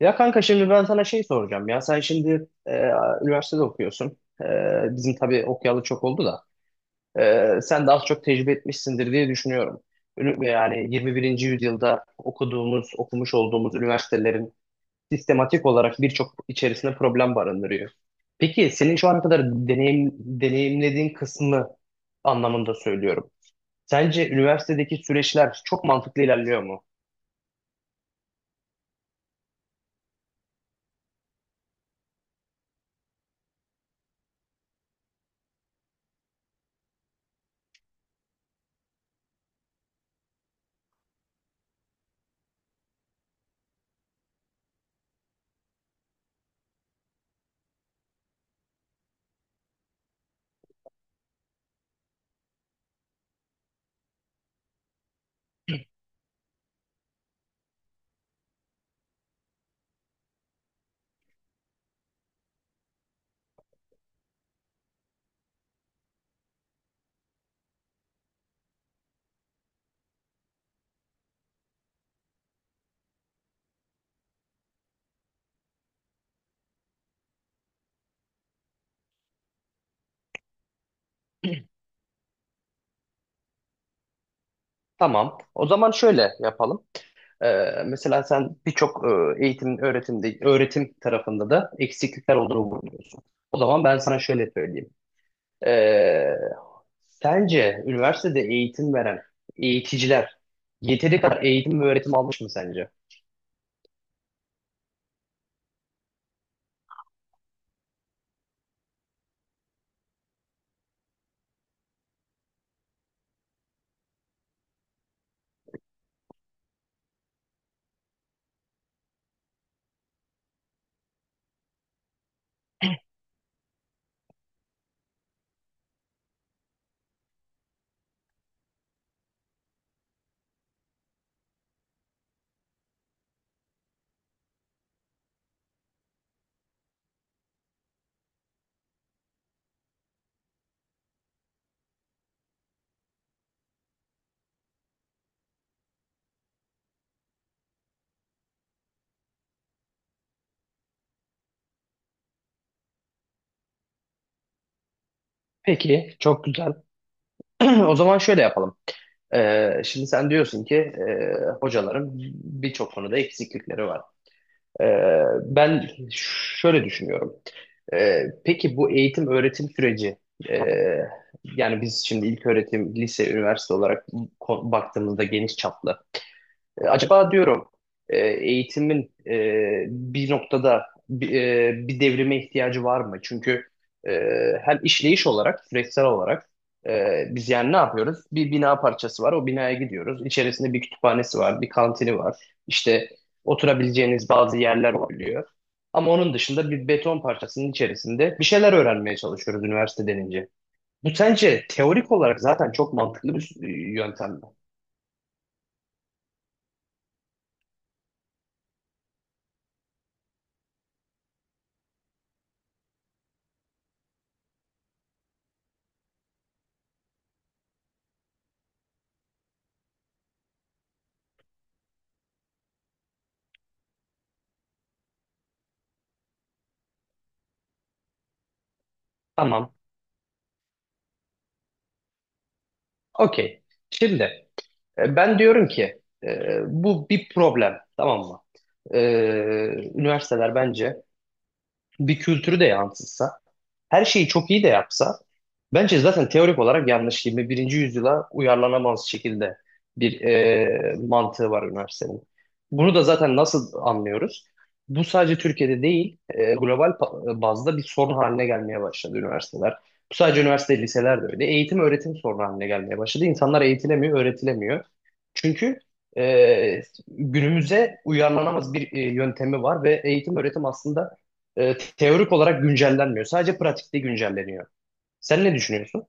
Ya kanka şimdi ben sana şey soracağım. Ya sen şimdi üniversitede okuyorsun. Bizim tabii okuyalı çok oldu da. Sen de az çok tecrübe etmişsindir diye düşünüyorum. Yani 21. yüzyılda okuduğumuz, okumuş olduğumuz üniversitelerin sistematik olarak birçok içerisinde problem barındırıyor. Peki senin şu ana kadar deneyimlediğin kısmı anlamında söylüyorum. Sence üniversitedeki süreçler çok mantıklı ilerliyor mu? Tamam. O zaman şöyle yapalım. Mesela sen birçok öğretimde, öğretim tarafında da eksiklikler olduğunu vurguluyorsun. O zaman ben sana şöyle söyleyeyim. Ee, Sence üniversitede eğitim veren eğiticiler yeteri kadar eğitim ve öğretim almış mı sence? Peki, çok güzel. O zaman şöyle yapalım. Şimdi sen diyorsun ki hocaların birçok konuda eksiklikleri var. Ee, Ben şöyle düşünüyorum. Peki bu eğitim öğretim süreci e, yani biz şimdi ilköğretim, lise, üniversite olarak baktığımızda geniş çaplı. Acaba diyorum eğitimin bir noktada bir devrime ihtiyacı var mı? Çünkü e, hem işleyiş olarak, süreçsel olarak, biz yani ne yapıyoruz? Bir bina parçası var, o binaya gidiyoruz. İçerisinde bir kütüphanesi var, bir kantini var. İşte oturabileceğiniz bazı yerler oluyor. Ama onun dışında bir beton parçasının içerisinde bir şeyler öğrenmeye çalışıyoruz üniversite denince. Bu sence teorik olarak zaten çok mantıklı bir yöntem mi? Tamam, okey. Şimdi... Ben diyorum ki bu bir problem, tamam mı? E, Üniversiteler bence bir kültürü de yansıtsa, her şeyi çok iyi de yapsa, bence zaten teorik olarak yanlış yirmi birinci yüzyıla uyarlanamaz şekilde bir mantığı var üniversitenin. Bunu da zaten nasıl anlıyoruz? Bu sadece Türkiye'de değil, global bazda bir sorun haline gelmeye başladı üniversiteler. Bu sadece üniversite, liseler de öyle. Eğitim, öğretim sorunu haline gelmeye başladı. İnsanlar eğitilemiyor, öğretilemiyor. Çünkü e, günümüze uyarlanamaz bir yöntemi var ve eğitim, öğretim aslında teorik olarak güncellenmiyor. Sadece pratikte güncelleniyor. Sen ne düşünüyorsun?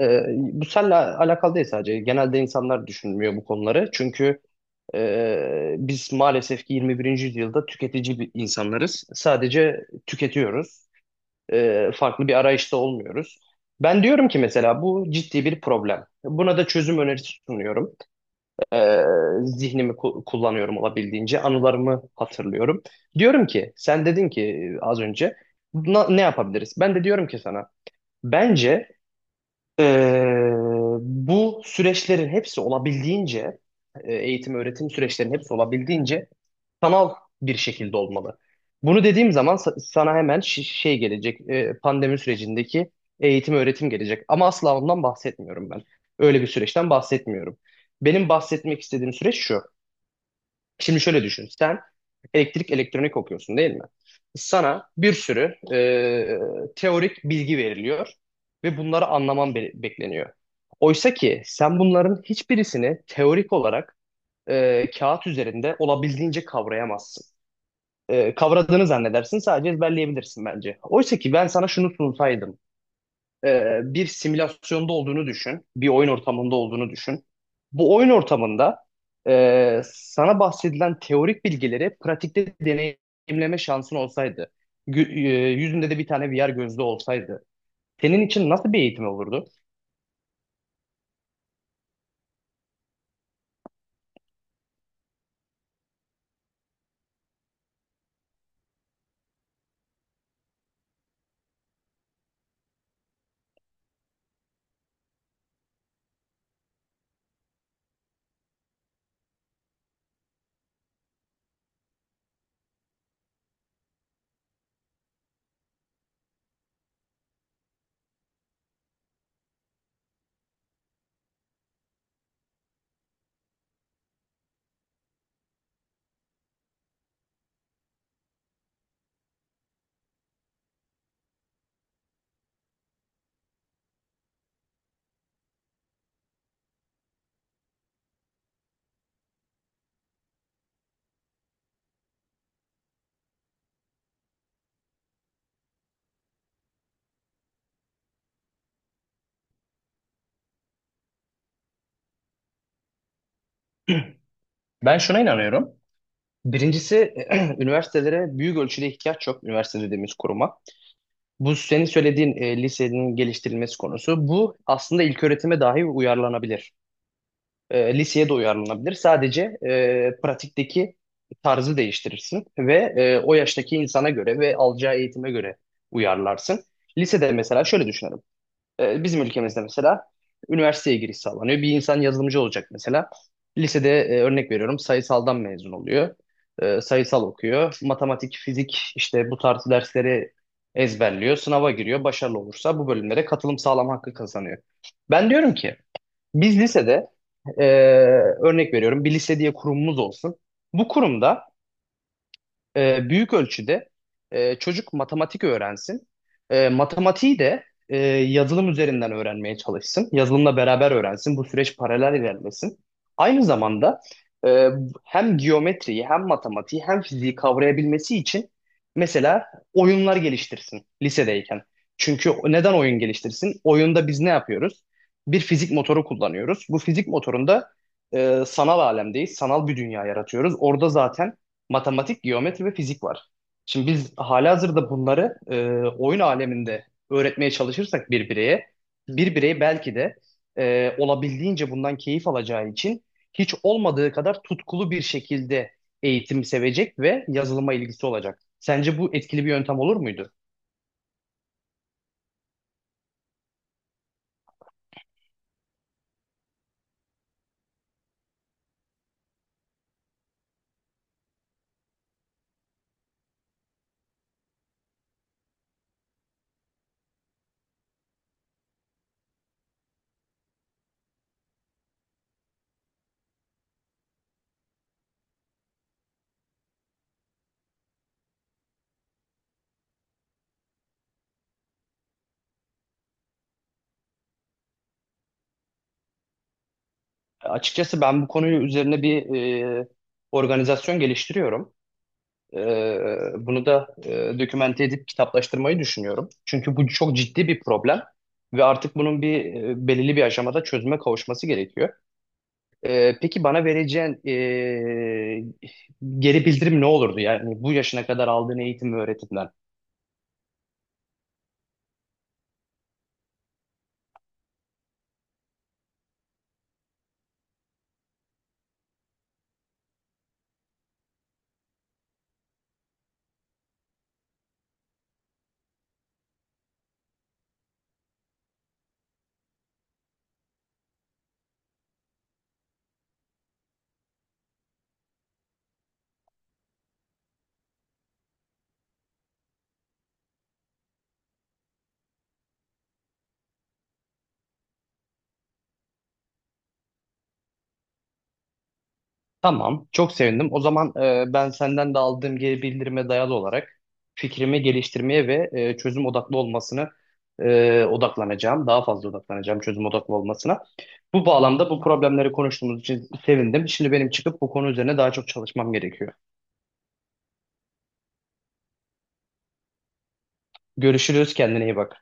Bu seninle alakalı değil sadece. Genelde insanlar düşünmüyor bu konuları. Çünkü biz maalesef ki 21. yüzyılda tüketici bir insanlarız. Sadece tüketiyoruz. Farklı bir arayışta olmuyoruz. Ben diyorum ki mesela bu ciddi bir problem. Buna da çözüm önerisi sunuyorum. Ee, Zihnimi kullanıyorum olabildiğince. Anılarımı hatırlıyorum. Diyorum ki sen dedin ki az önce ne yapabiliriz?" Ben de diyorum ki sana, bence, ee, bu süreçlerin hepsi olabildiğince, eğitim öğretim süreçlerinin hepsi olabildiğince sanal bir şekilde olmalı. Bunu dediğim zaman sana hemen şey gelecek, pandemi sürecindeki eğitim öğretim gelecek. Ama asla ondan bahsetmiyorum ben. Öyle bir süreçten bahsetmiyorum. Benim bahsetmek istediğim süreç şu. Şimdi şöyle düşün. Sen elektrik elektronik okuyorsun değil mi? Sana bir sürü teorik bilgi veriliyor ve bunları anlaman bekleniyor. Oysa ki sen bunların hiçbirisini teorik olarak, kağıt üzerinde, olabildiğince kavrayamazsın. Kavradığını zannedersin, sadece ezberleyebilirsin bence. Oysa ki ben sana şunu sunsaydım, bir simülasyonda olduğunu düşün. Bir oyun ortamında olduğunu düşün. Bu oyun ortamında, sana bahsedilen teorik bilgileri pratikte deneyimleme şansın olsaydı, yüzünde de bir tane VR gözlüğü olsaydı, senin için nasıl bir eğitim olurdu? Ben şuna inanıyorum. Birincisi, üniversitelere büyük ölçüde ihtiyaç yok, üniversite dediğimiz kuruma. Bu senin söylediğin lisenin geliştirilmesi konusu. Bu aslında ilköğretime dahi uyarlanabilir. Liseye de uyarlanabilir. Sadece pratikteki tarzı değiştirirsin ve o yaştaki insana göre ve alacağı eğitime göre uyarlarsın. Lisede mesela şöyle düşünelim. Bizim ülkemizde mesela üniversiteye giriş sağlanıyor. Bir insan yazılımcı olacak mesela. Lisede örnek veriyorum, sayısaldan mezun oluyor. Sayısal okuyor. Matematik, fizik, işte bu tarz dersleri ezberliyor. Sınava giriyor. Başarılı olursa bu bölümlere katılım sağlam hakkı kazanıyor. Ben diyorum ki biz lisede, e, örnek veriyorum, bir lise diye kurumumuz olsun. Bu kurumda büyük ölçüde çocuk matematik öğrensin. Matematiği de yazılım üzerinden öğrenmeye çalışsın. Yazılımla beraber öğrensin. Bu süreç paralel ilerlesin. Aynı zamanda e, hem geometriyi hem matematiği hem fiziği kavrayabilmesi için mesela oyunlar geliştirsin lisedeyken. Çünkü neden oyun geliştirsin? Oyunda biz ne yapıyoruz? Bir fizik motoru kullanıyoruz. Bu fizik motorunda sanal alemdeyiz. Sanal bir dünya yaratıyoruz. Orada zaten matematik, geometri ve fizik var. Şimdi biz halihazırda bunları oyun aleminde öğretmeye çalışırsak bir bireye, bir birey belki de olabildiğince bundan keyif alacağı için hiç olmadığı kadar tutkulu bir şekilde eğitim sevecek ve yazılıma ilgisi olacak. Sence bu etkili bir yöntem olur muydu? Açıkçası ben bu konuyu üzerine bir e, organizasyon geliştiriyorum. Bunu da dokümente edip kitaplaştırmayı düşünüyorum. Çünkü bu çok ciddi bir problem ve artık bunun belirli bir aşamada çözüme kavuşması gerekiyor. Peki bana vereceğin geri bildirim ne olurdu? Yani bu yaşına kadar aldığın eğitim ve öğretimden. Tamam, çok sevindim. O zaman ben senden de aldığım geri bildirime dayalı olarak fikrimi geliştirmeye ve çözüm odaklı olmasını odaklanacağım. Daha fazla odaklanacağım çözüm odaklı olmasına. Bu bağlamda bu problemleri konuştuğumuz için sevindim. Şimdi benim çıkıp bu konu üzerine daha çok çalışmam gerekiyor. Görüşürüz, kendine iyi bak.